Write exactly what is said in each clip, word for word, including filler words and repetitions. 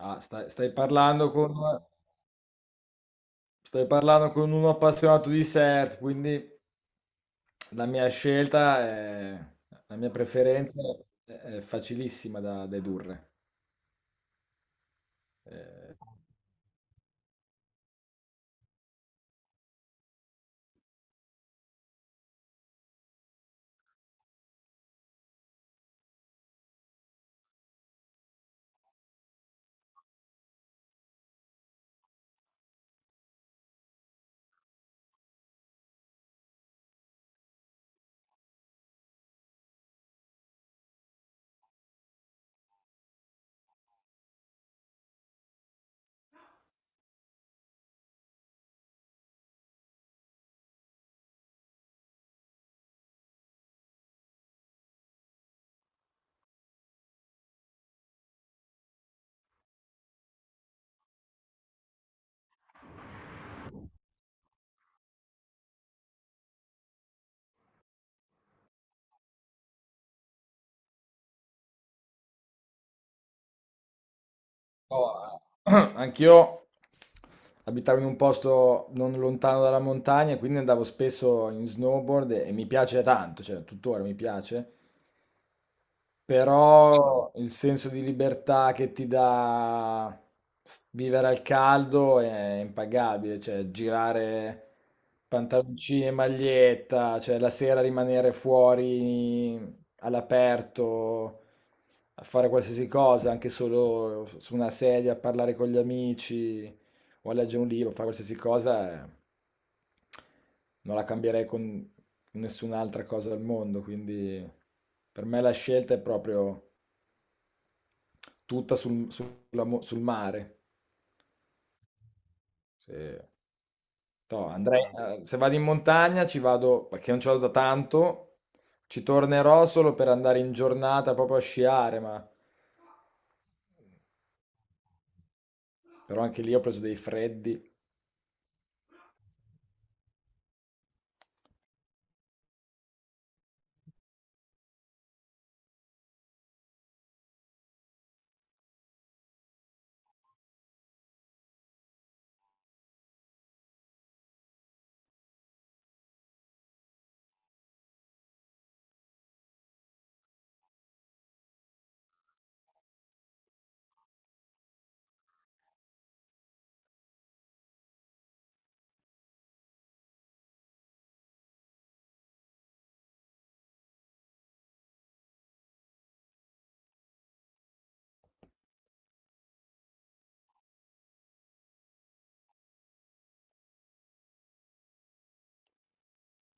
Ah, stai, stai parlando con, stai parlando con uno appassionato di surf, quindi la mia scelta, è, la mia preferenza è, è facilissima da, da dedurre. Eh, oh, anch'io abitavo in un posto non lontano dalla montagna, quindi andavo spesso in snowboard e, e mi piace tanto, cioè tuttora mi piace. Però il senso di libertà che ti dà s- vivere al caldo è impagabile, cioè girare pantaloncini e maglietta, cioè la sera rimanere fuori all'aperto a fare qualsiasi cosa, anche solo su una sedia a parlare con gli amici o a leggere un libro, fare qualsiasi cosa, eh, non la cambierei con nessun'altra cosa al mondo. Quindi per me la scelta è proprio tutta sul, sulla mo- sul mare. Se, to, andrei, eh, Se vado in montagna ci vado, perché non ci vado da tanto, ci tornerò solo per andare in giornata proprio a sciare, ma però anche lì ho preso dei freddi.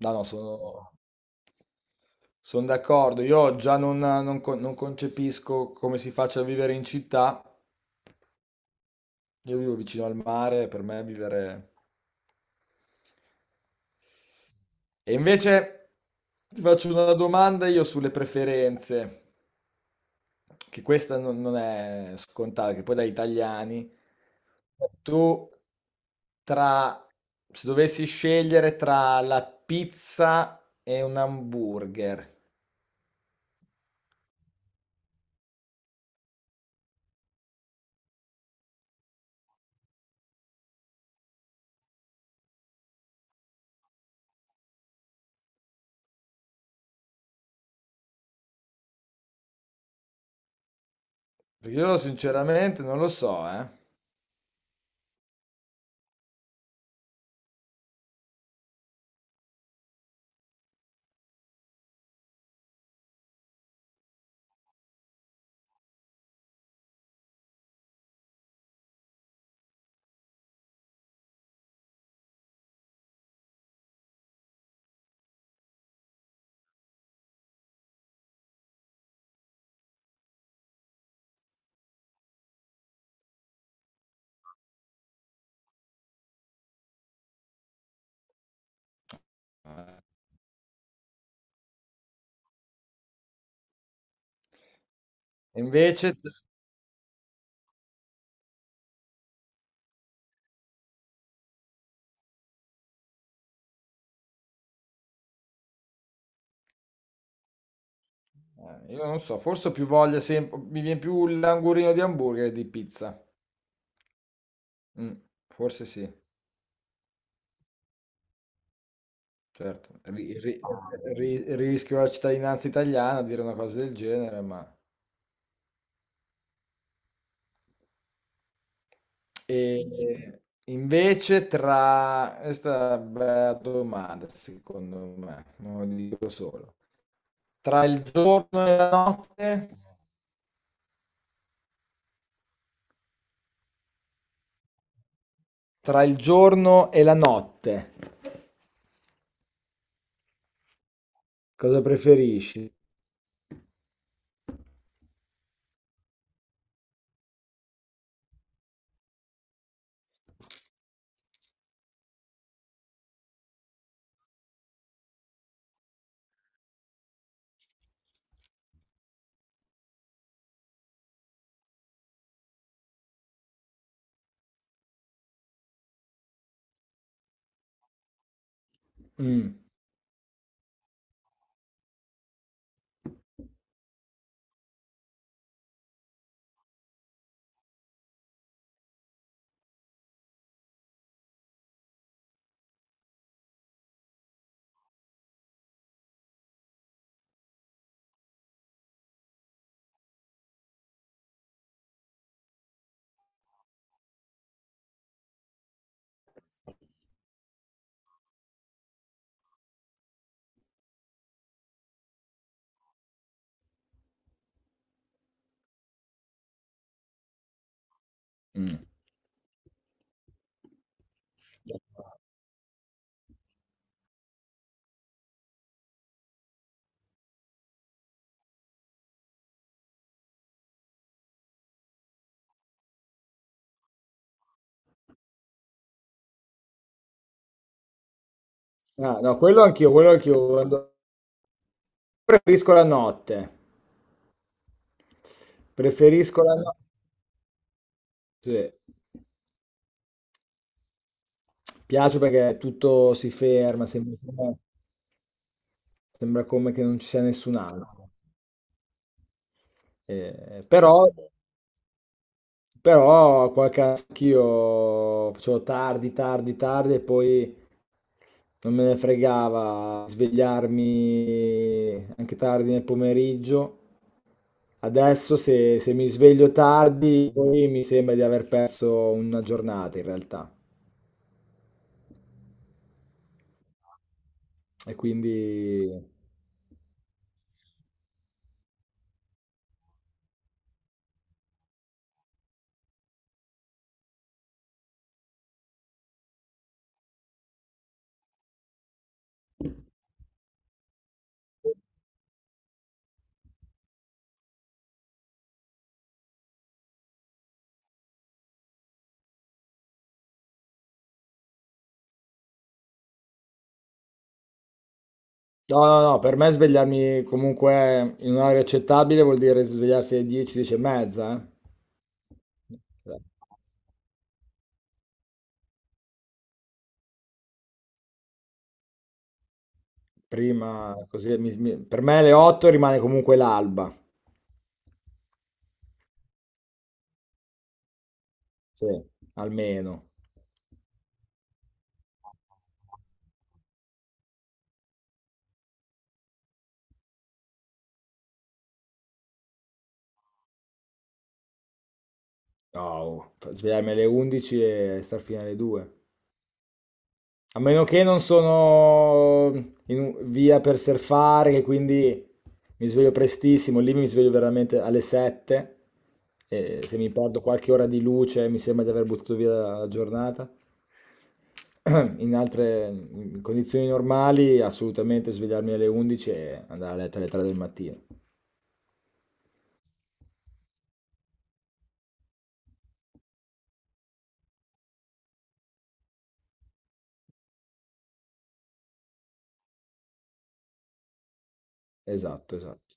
No, no, sono, Sono d'accordo. Io già non, non con- non concepisco come si faccia a vivere in città. Io vivo vicino al mare, per me vivere... E invece ti faccio una domanda io sulle preferenze, che questa non, non è scontata, che poi da italiani. Tu tra... se dovessi scegliere tra la pizza e un hamburger, perché io sinceramente non lo so, eh. E invece, t eh, Io non so, forse ho più voglia sem mi vien più l'angurino di hamburger che di pizza. Mh, forse sì, certo. Ri ri ri Rischio la cittadinanza italiana a dire una cosa del genere, ma ehm, invece tra questa è una bella domanda secondo me, non lo dico solo. Tra il giorno e la notte? Tra il giorno e la notte, cosa preferisci? Mh, mh. Ah, no, quello anch'io, quello anch'io. guardo- Preferisco la notte. Preferisco la notte. Sì. Piace perché tutto si ferma, sembra come, sembra come che non ci sia nessun altro. Eh, però, Però qualche anch'io facevo tardi, tardi, tardi e poi non me ne fregava svegliarmi anche tardi nel pomeriggio. Adesso se, se mi sveglio tardi, poi mi sembra di aver perso una giornata in realtà. E quindi... No, no, no, per me svegliarmi comunque in un'ora accettabile vuol dire svegliarsi alle dieci, dieci e mezza. eh. Prima, così, mi- mi- per me alle otto rimane comunque l'alba, sì, almeno. No, svegliarmi alle undici e star fino alle due. A meno che non sono in un- via per surfare, che quindi mi sveglio prestissimo, lì mi sveglio veramente alle sette e se mi perdo qualche ora di luce mi sembra di aver buttato via la giornata. In altre in condizioni normali assolutamente svegliarmi alle undici e andare a letto alle tre del mattino. Esatto, esatto.